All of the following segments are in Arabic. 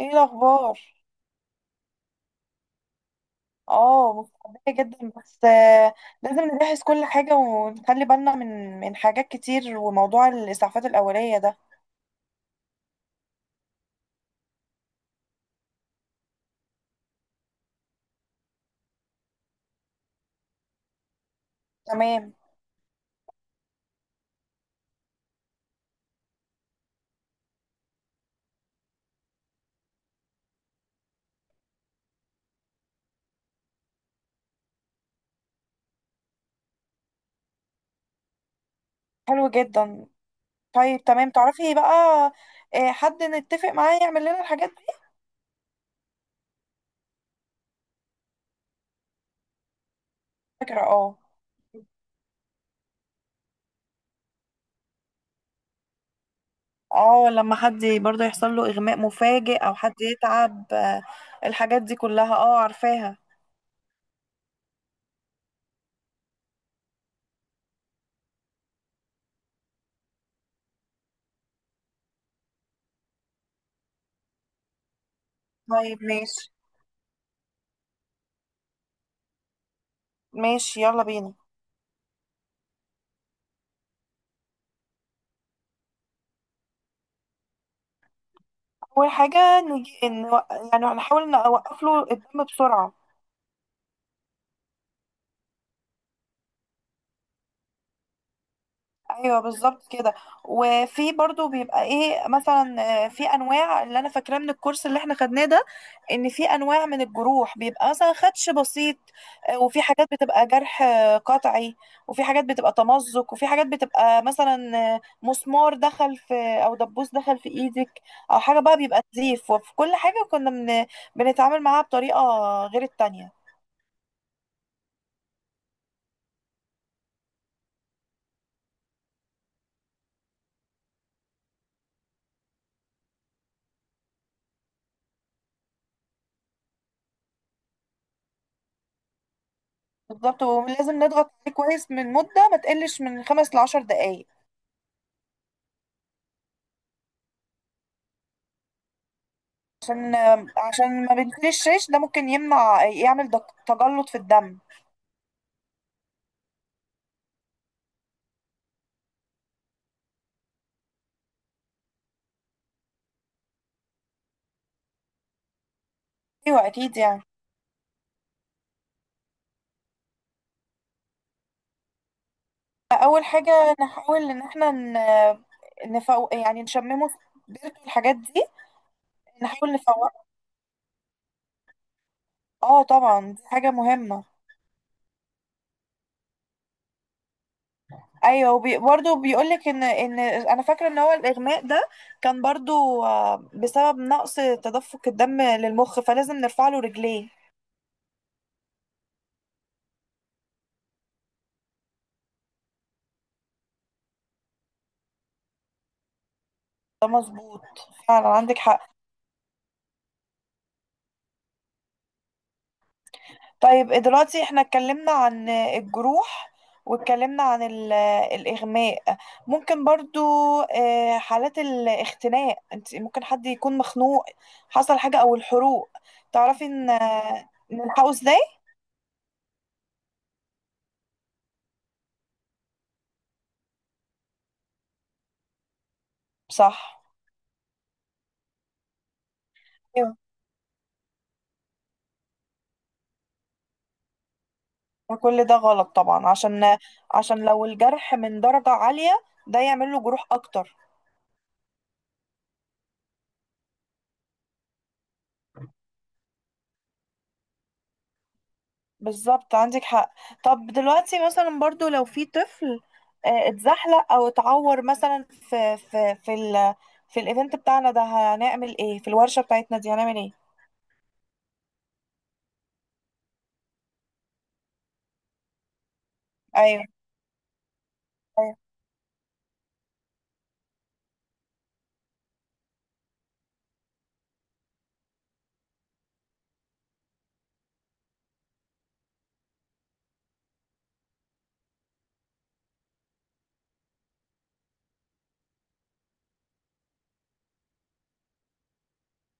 ايه الاخبار؟ اه متحمسه جدا بس لازم نجهز كل حاجه ونخلي بالنا من حاجات كتير، وموضوع الاسعافات الاوليه ده. تمام. حلو جدا. طيب تمام، تعرفي بقى، حد نتفق معاه يعمل لنا الحاجات دي. فكره اه. اه، لما حد برضه يحصل له اغماء مفاجئ او حد يتعب. الحاجات دي كلها اه عارفاها. طيب ماشي. ماشي يلا بينا. اول حاجه نجي إن، يعني هنحاول نوقف له الدم بسرعه. ايوه، بالظبط كده. وفي برضو بيبقى ايه مثلا. في انواع، اللي انا فاكراه من الكورس اللي احنا خدناه ده، ان في انواع من الجروح بيبقى مثلا خدش بسيط، وفي حاجات بتبقى جرح قطعي، وفي حاجات بتبقى تمزق، وفي حاجات بتبقى مثلا مسمار دخل في، او دبوس دخل في ايدك، او حاجه بقى بيبقى نزيف. وفي كل حاجه بنتعامل معاها بطريقه غير التانية. بالظبط. ولازم نضغط عليه كويس من مده ما تقلش من 5 ل10 دقايق. عشان، ما بنشيل الشيش ده، ممكن يمنع، يعمل تجلط في الدم. ايوه اكيد يعني. اول حاجه نحاول ان احنا نفوق، يعني نشممه سبيرتو، الحاجات دي. نحاول نفوق. اه طبعا دي حاجه مهمه. ايوه، برضه بيقول لك ان، انا فاكره ان هو الاغماء ده كان برضه بسبب نقص تدفق الدم للمخ، فلازم نرفع له رجليه. ده مظبوط، فعلا عندك حق. طيب إيه دلوقتي، احنا اتكلمنا عن الجروح، واتكلمنا عن الإغماء. ممكن برضو حالات الاختناق. انت ممكن حد يكون مخنوق، حصل حاجة، او الحروق. تعرفي ان، نلحقه ازاي. صح. ايوه، وكل ده غلط طبعا. عشان، عشان لو الجرح من درجة عالية، ده يعمل له جروح اكتر. بالظبط عندك حق. طب دلوقتي مثلا، برضو لو في طفل اتزحلق او اتعور مثلا، في الايفنت بتاعنا ده هنعمل ايه؟ في الورشة بتاعتنا دي هنعمل ايه؟ ايوه، ايوه.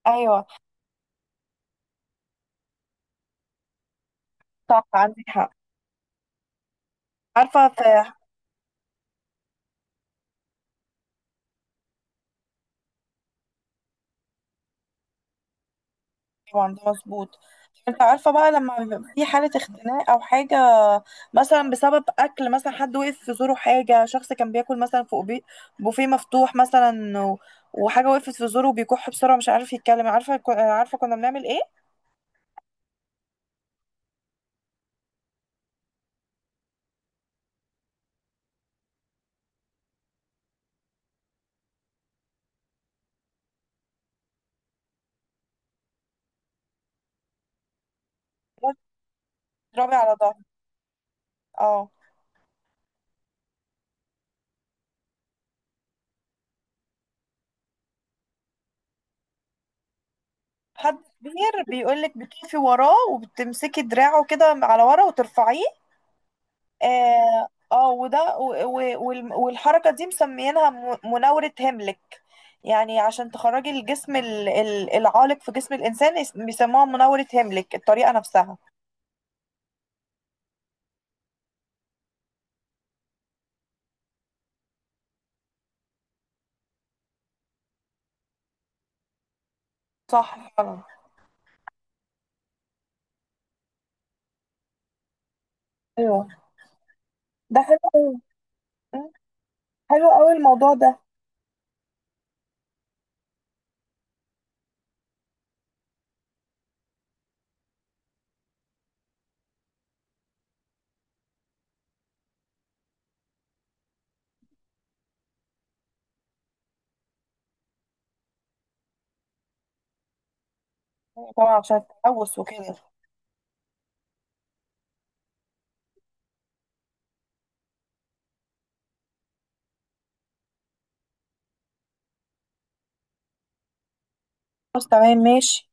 أيوة، صح عندك حق. عارفة في. طبعا ده مظبوط. انت عارفة بقى، لما بيبقى في حالة اختناق او حاجة، مثلا بسبب اكل. مثلا حد وقف في زوره حاجة، شخص كان بياكل مثلا فوق بوفيه مفتوح مثلا، وحاجة وقفت في زوره، وبيكح بسرعة، مش عارف يتكلم. عارفة عارفة كنا بنعمل ايه؟ تضربي على ظهره. اه. حد كبير بيقولك بتقفي وراه وبتمسكي دراعه كده على ورا وترفعيه. اه، وده والحركة دي مسميينها مناورة هيملك، يعني عشان تخرجي الجسم العالق في جسم الإنسان. بيسموها مناورة هيملك، الطريقة نفسها. صح فعلا. ايوه، ده حلو. مم. حلو قوي الموضوع ده. طبعا، عشان التلوث وكده. خلاص تمام ماشي.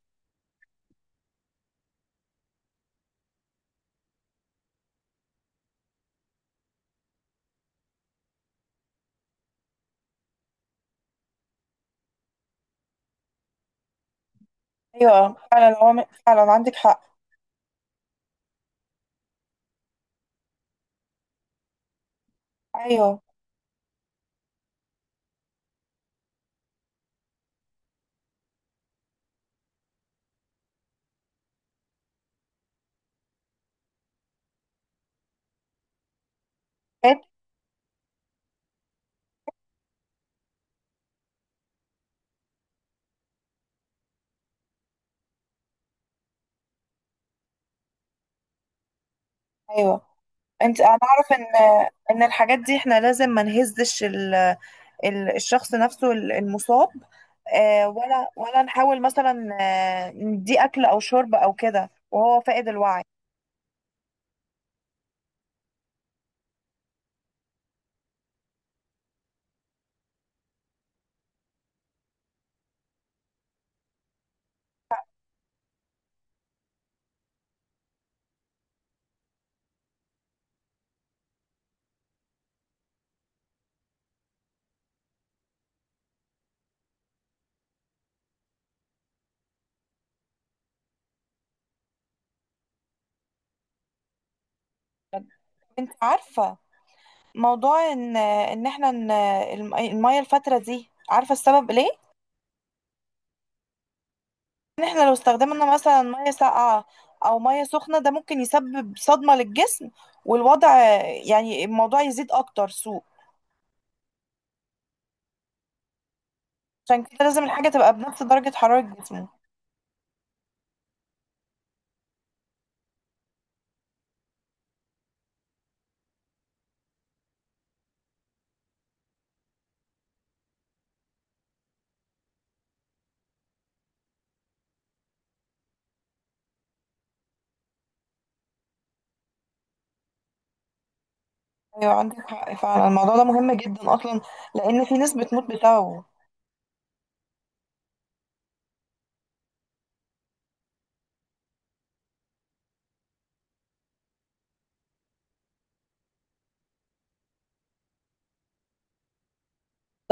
ايوه فعلا، هو فعلا عندك حق. ايوه، فات-. ايوه. انت، انا اعرف ان الحاجات دي احنا لازم ما نهزش الشخص نفسه المصاب، ولا نحاول مثلا نديه اكل او شرب او كده وهو فاقد الوعي. انت عارفه موضوع ان، احنا ان الميه الفتره دي، عارفه السبب ليه؟ ان احنا لو استخدمنا مثلا ميه ساقعه او ميه سخنه، ده ممكن يسبب صدمه للجسم والوضع، يعني الموضوع يزيد اكتر سوء. عشان كده لازم الحاجه تبقى بنفس درجه حراره جسمه ايوه عندك حق، فعلا الموضوع ده مهم جدا اصلا، لان في ناس بتموت بسببه.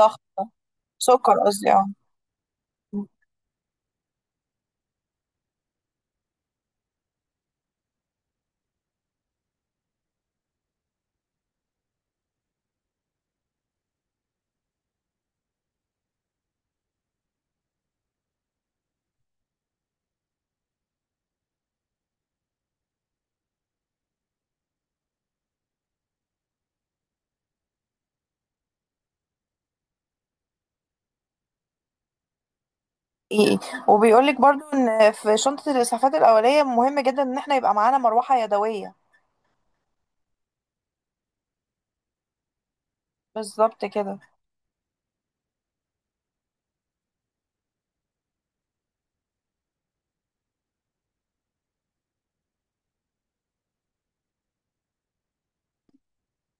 ضغط. سكر قصدي اه. ايه، وبيقول لك برضو ان في شنطة الاسعافات الاولية مهم جدا ان احنا يبقى معانا مروحة يدوية. بالظبط كده.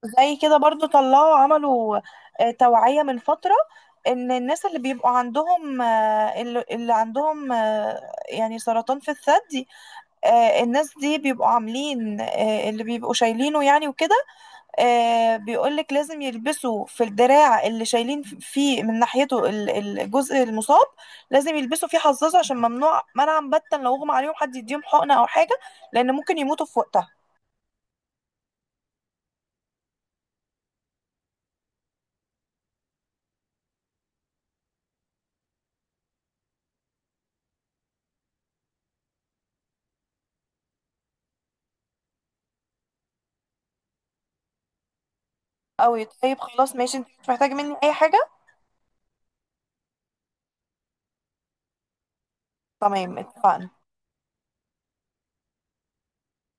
زي كده برضو طلعوا عملوا توعية من فترة، ان الناس اللي بيبقوا عندهم، اللي عندهم يعني سرطان في الثدي. الناس دي بيبقوا عاملين اللي بيبقوا شايلينه يعني وكده. آه بيقولك لازم يلبسوا في الدراع اللي شايلين فيه من ناحيته الجزء المصاب، لازم يلبسوا فيه حظاظه، عشان ممنوع منعا باتا لو اغمى عليهم حد يديهم حقنة او حاجة، لان ممكن يموتوا في وقتها. او طيب خلاص ماشي، انت مش محتاجة مني اي حاجة. تمام، اتفقنا.